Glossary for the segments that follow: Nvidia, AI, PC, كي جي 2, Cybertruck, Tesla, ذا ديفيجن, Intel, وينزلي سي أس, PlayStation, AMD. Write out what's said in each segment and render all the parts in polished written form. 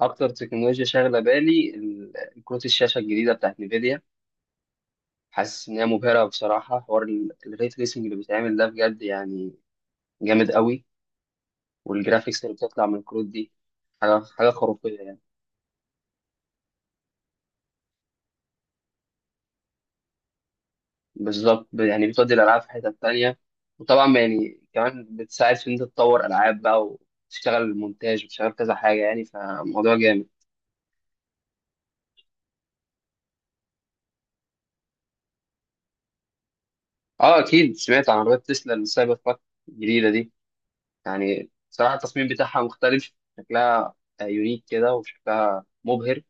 اكتر تكنولوجيا شاغله بالي كروت الشاشه الجديده بتاعت نيفيديا. حاسس ان هي مبهره بصراحه، حوار الري تريسنج اللي بيتعمل ده بجد يعني جامد قوي. والجرافيكس اللي بتطلع من الكروت دي حاجه حاجه خرافيه يعني. بالظبط، يعني بتودي الالعاب في حته تانية. وطبعا يعني كمان بتساعد في ان انت تطور العاب بقى، وتشتغل مونتاج وتشتغل كذا حاجه، يعني فموضوع جامد. اه اكيد سمعت عن عربيه تسلا السايبر تراك الجديده دي. يعني صراحة التصميم بتاعها مختلف، شكلها يونيك كده وشكلها مبهر.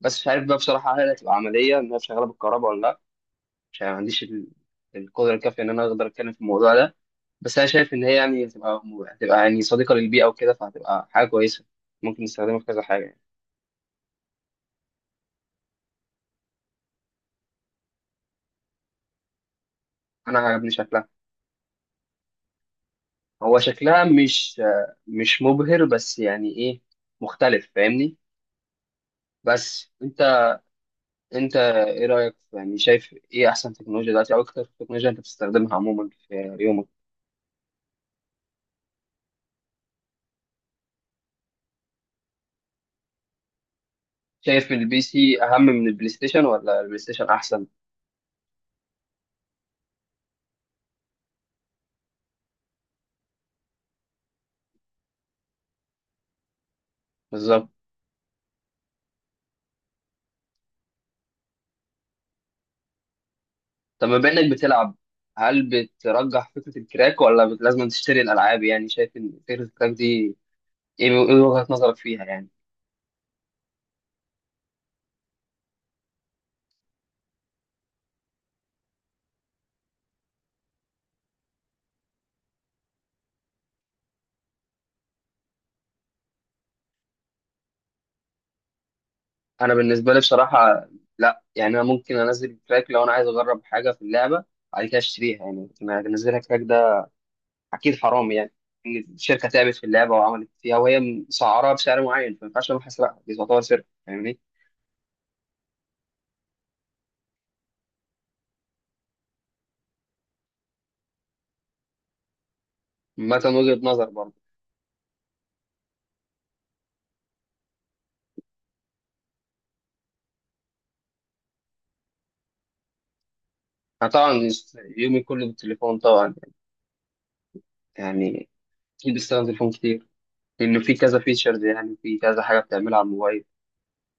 بس مش عارف بقى بصراحة، هل هتبقى عملية إن هي شغالة بالكهرباء ولا لأ؟ مش عارف، ما عنديش القدرة الكافية إن أنا أقدر أتكلم في الموضوع ده. بس أنا شايف إن هي يعني هتبقى يعني صديقة للبيئة وكده، فهتبقى حاجة كويسة ممكن نستخدمها في كذا حاجة يعني. أنا عجبني شكلها. هو شكلها مش مبهر، بس يعني إيه، مختلف فاهمني. بس انت ايه رايك يعني شايف ايه احسن تكنولوجيا دلوقتي، او اكتر تكنولوجيا انت بتستخدمها عموما في يومك؟ شايف البي سي اهم من البلاي ستيشن ولا البلاي ستيشن احسن؟ بالظبط. طب بما انك بتلعب، هل بترجح فكره الكراك ولا لازم تشتري الالعاب؟ يعني شايف ان فكره الكراك دي ايه وجهه نظرك فيها يعني؟ انا بالنسبه لي بصراحه، لا، يعني انا ممكن انزل الكراك لو انا عايز اجرب حاجه في اللعبه، بعد كده اشتريها يعني. لكن انزلها كراك ده اكيد حرام يعني. ان الشركه تعبت في اللعبه وعملت فيها، وهي مسعرها بسعر معين، فما ينفعش اروح اسرقها. دي تعتبر سرقه فاهمني. مثلا وجهه نظر برضه. انا طبعا يومي كله بالتليفون طبعا، يعني اكيد بستخدم التليفون كتير، لانه في كذا فيتشرز، يعني في كذا حاجه بتعملها على الموبايل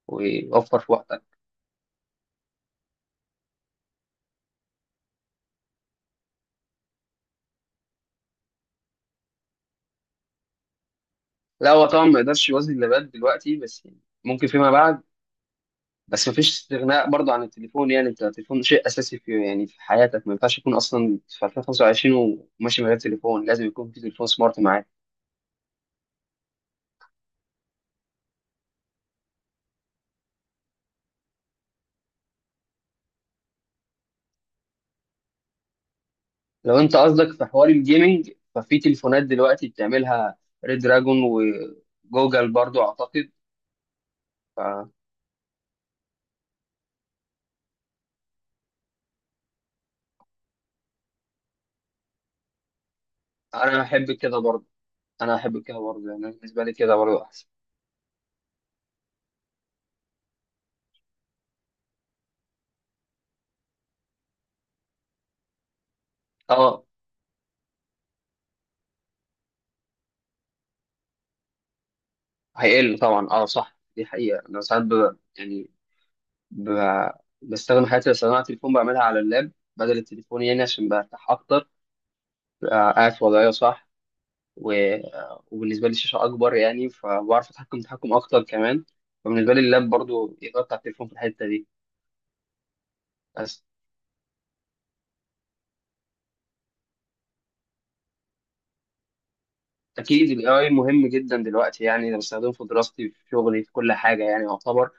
ويوفر في وقتك. لا هو طبعا ما يقدرش يوازي اللي بات دلوقتي، بس يعني ممكن فيما بعد. بس مفيش استغناء برضه عن التليفون، يعني انت التليفون شيء اساسي في حياتك، ما ينفعش يكون اصلا في 2025 وماشي من غير تليفون، لازم يكون في تليفون سمارت معاك. لو انت قصدك في حوار الجيمنج ففي تليفونات دلوقتي بتعملها، ريد دراجون وجوجل برضو اعتقد. فانا احب كده برضو. انا احب كده برضو، يعني بالنسبه لي كده برضو احسن. اه هيقل طبعا. اه صح دي حقيقه. انا ساعات يعني ب... بستخدم حياتي، بستخدم على التليفون، بعملها على اللاب بدل التليفون، يعني عشان برتاح اكتر، ببقى قاعد في وضعيه صح. و... آه، وبالنسبه لي الشاشه اكبر، يعني فبعرف اتحكم اكتر كمان. فبالنسبه لي اللاب برضو يغطي على التليفون في الحته دي. بس أكيد ال AI مهم جدا دلوقتي، يعني أنا بستخدمه في دراستي في شغلي في كل حاجة يعني يعتبر.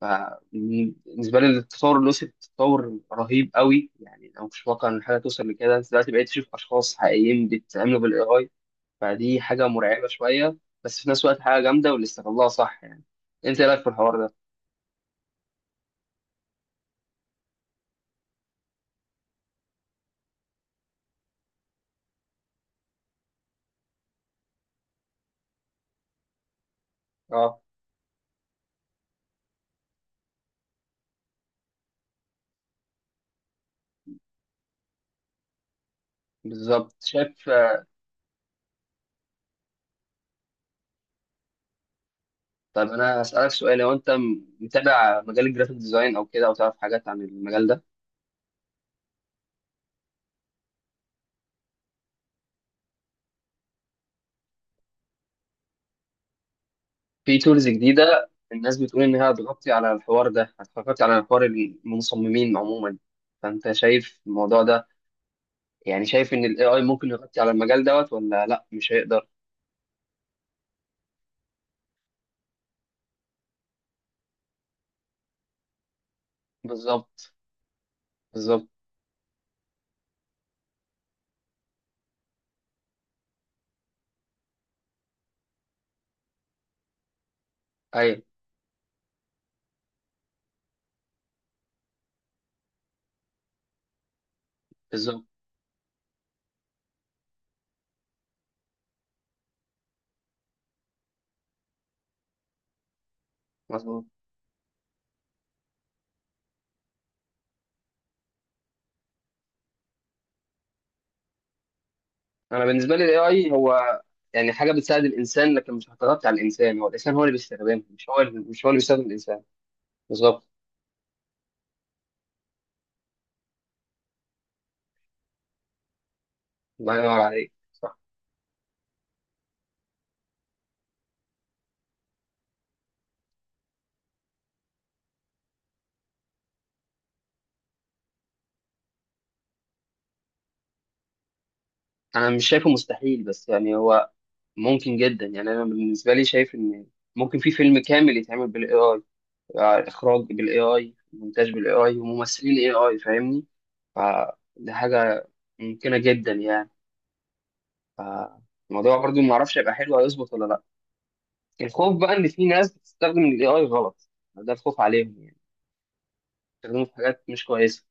فبالنسبة لي التطور له تطور رهيب قوي، يعني أنا ما كنتش متوقع إن حاجة توصل لكده دلوقتي، بقيت أشوف أشخاص حقيقيين بيتعاملوا بال AI. فدي حاجة مرعبة شوية، بس في نفس الوقت حاجة جامدة، واللي استغلها صح يعني. أنت إيه رأيك في الحوار ده؟ أه بالظبط شايف. طب أنا هسألك سؤال، لو أنت متابع مجال الجرافيك ديزاين أو كده، أو تعرف حاجات عن المجال ده، في تولز جديدة الناس بتقول إنها هتغطي على الحوار ده، هتغطي على حوار المصممين عموما، فأنت شايف الموضوع ده؟ يعني شايف إن ال AI ممكن يغطي على المجال دوت ولا لأ مش هيقدر؟ بالظبط. بالظبط. أيوه بالظبط. مظبوط. أنا بالنسبة لي ال AI هو يعني حاجة بتساعد الإنسان، لكن مش هتغطي على الإنسان. هو الإنسان هو اللي بيستخدمها، مش هو اللي بيستخدم الإنسان. بالظبط. الله ينور عليك صح. أنا مش شايفه مستحيل، بس يعني هو ممكن جدا يعني. انا بالنسبه لي شايف ان ممكن في فيلم كامل يتعمل بالاي اي، اخراج بالاي اي مونتاج بالاي اي وممثلين اي اي فاهمني. فدي حاجه ممكنه جدا يعني. فالموضوع برضو ما اعرفش هيبقى حلو هيظبط ولا لا. الخوف بقى ان في ناس بتستخدم الاي اي غلط، ده الخوف عليهم يعني، بيستخدموه في حاجات مش كويسه.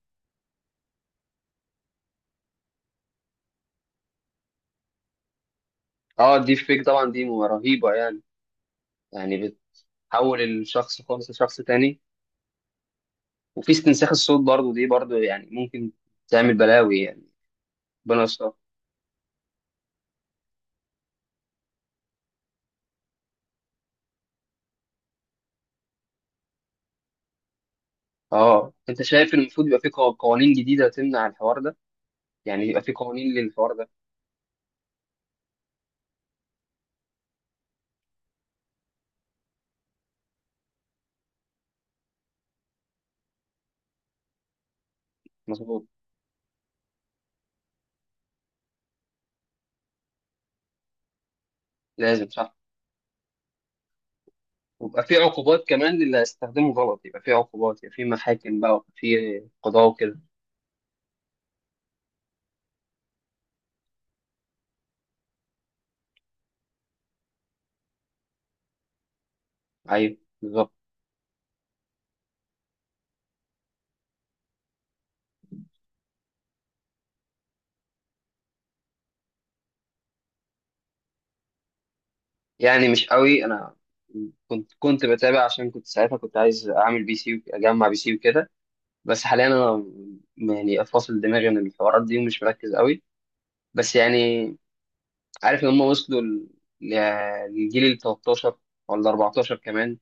اه الديب فيك طبعا دي رهيبه يعني بتحول الشخص خالص لشخص تاني. وفي استنساخ الصوت برضو، دي برضو يعني ممكن تعمل بلاوي يعني. ربنا يستر. اه، انت شايف إن المفروض يبقى في قوانين جديده تمنع الحوار ده، يعني يبقى في قوانين للحوار ده؟ مظبوط. لازم صح. ويبقى في عقوبات كمان للي هيستخدمه غلط، يبقى في عقوبات، يبقى في محاكم بقى، ويبقى في قضاء وكده. ايوه بالظبط. يعني مش قوي انا. كنت بتابع عشان كنت ساعتها كنت عايز اعمل بي سي اجمع بي سي وكده. بس حاليا انا يعني فاصل دماغي من الحوارات دي ومش مركز قوي. بس يعني عارف ان هم وصلوا لجيل ال 13 ولا 14 كمان،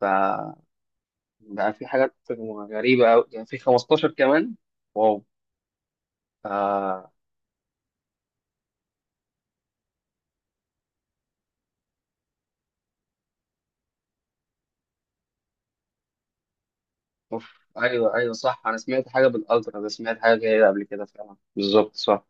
فبقى في حاجات غريبة أوي، يعني في 15 كمان. واو. آه. أوف. أيوه أيوه صح، أنا سمعت حاجة بالألترا ده، سمعت حاجة زي كده قبل كده، فعلا بالظبط صح.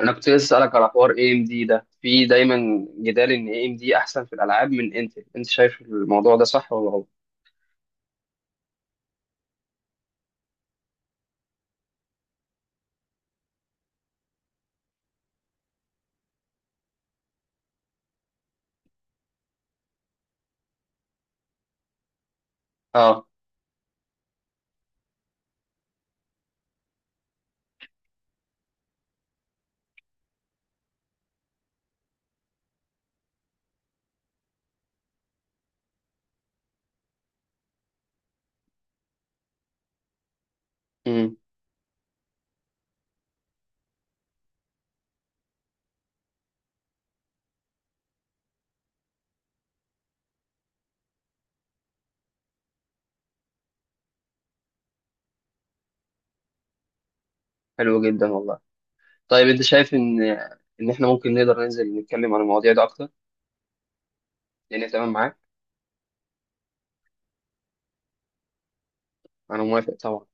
أنا كنت لسه أسألك على حوار اي ام دي ده، في دايما جدال إن اي ام دي أحسن في الألعاب من انتل. أنت شايف الموضوع ده صح ولا غلط؟ أه. امم حلو جدا والله. طيب أنت شايف إن إحنا ممكن نقدر ننزل نتكلم عن المواضيع دي أكتر؟ يعني تمام معاك؟ أنا موافق طبعا.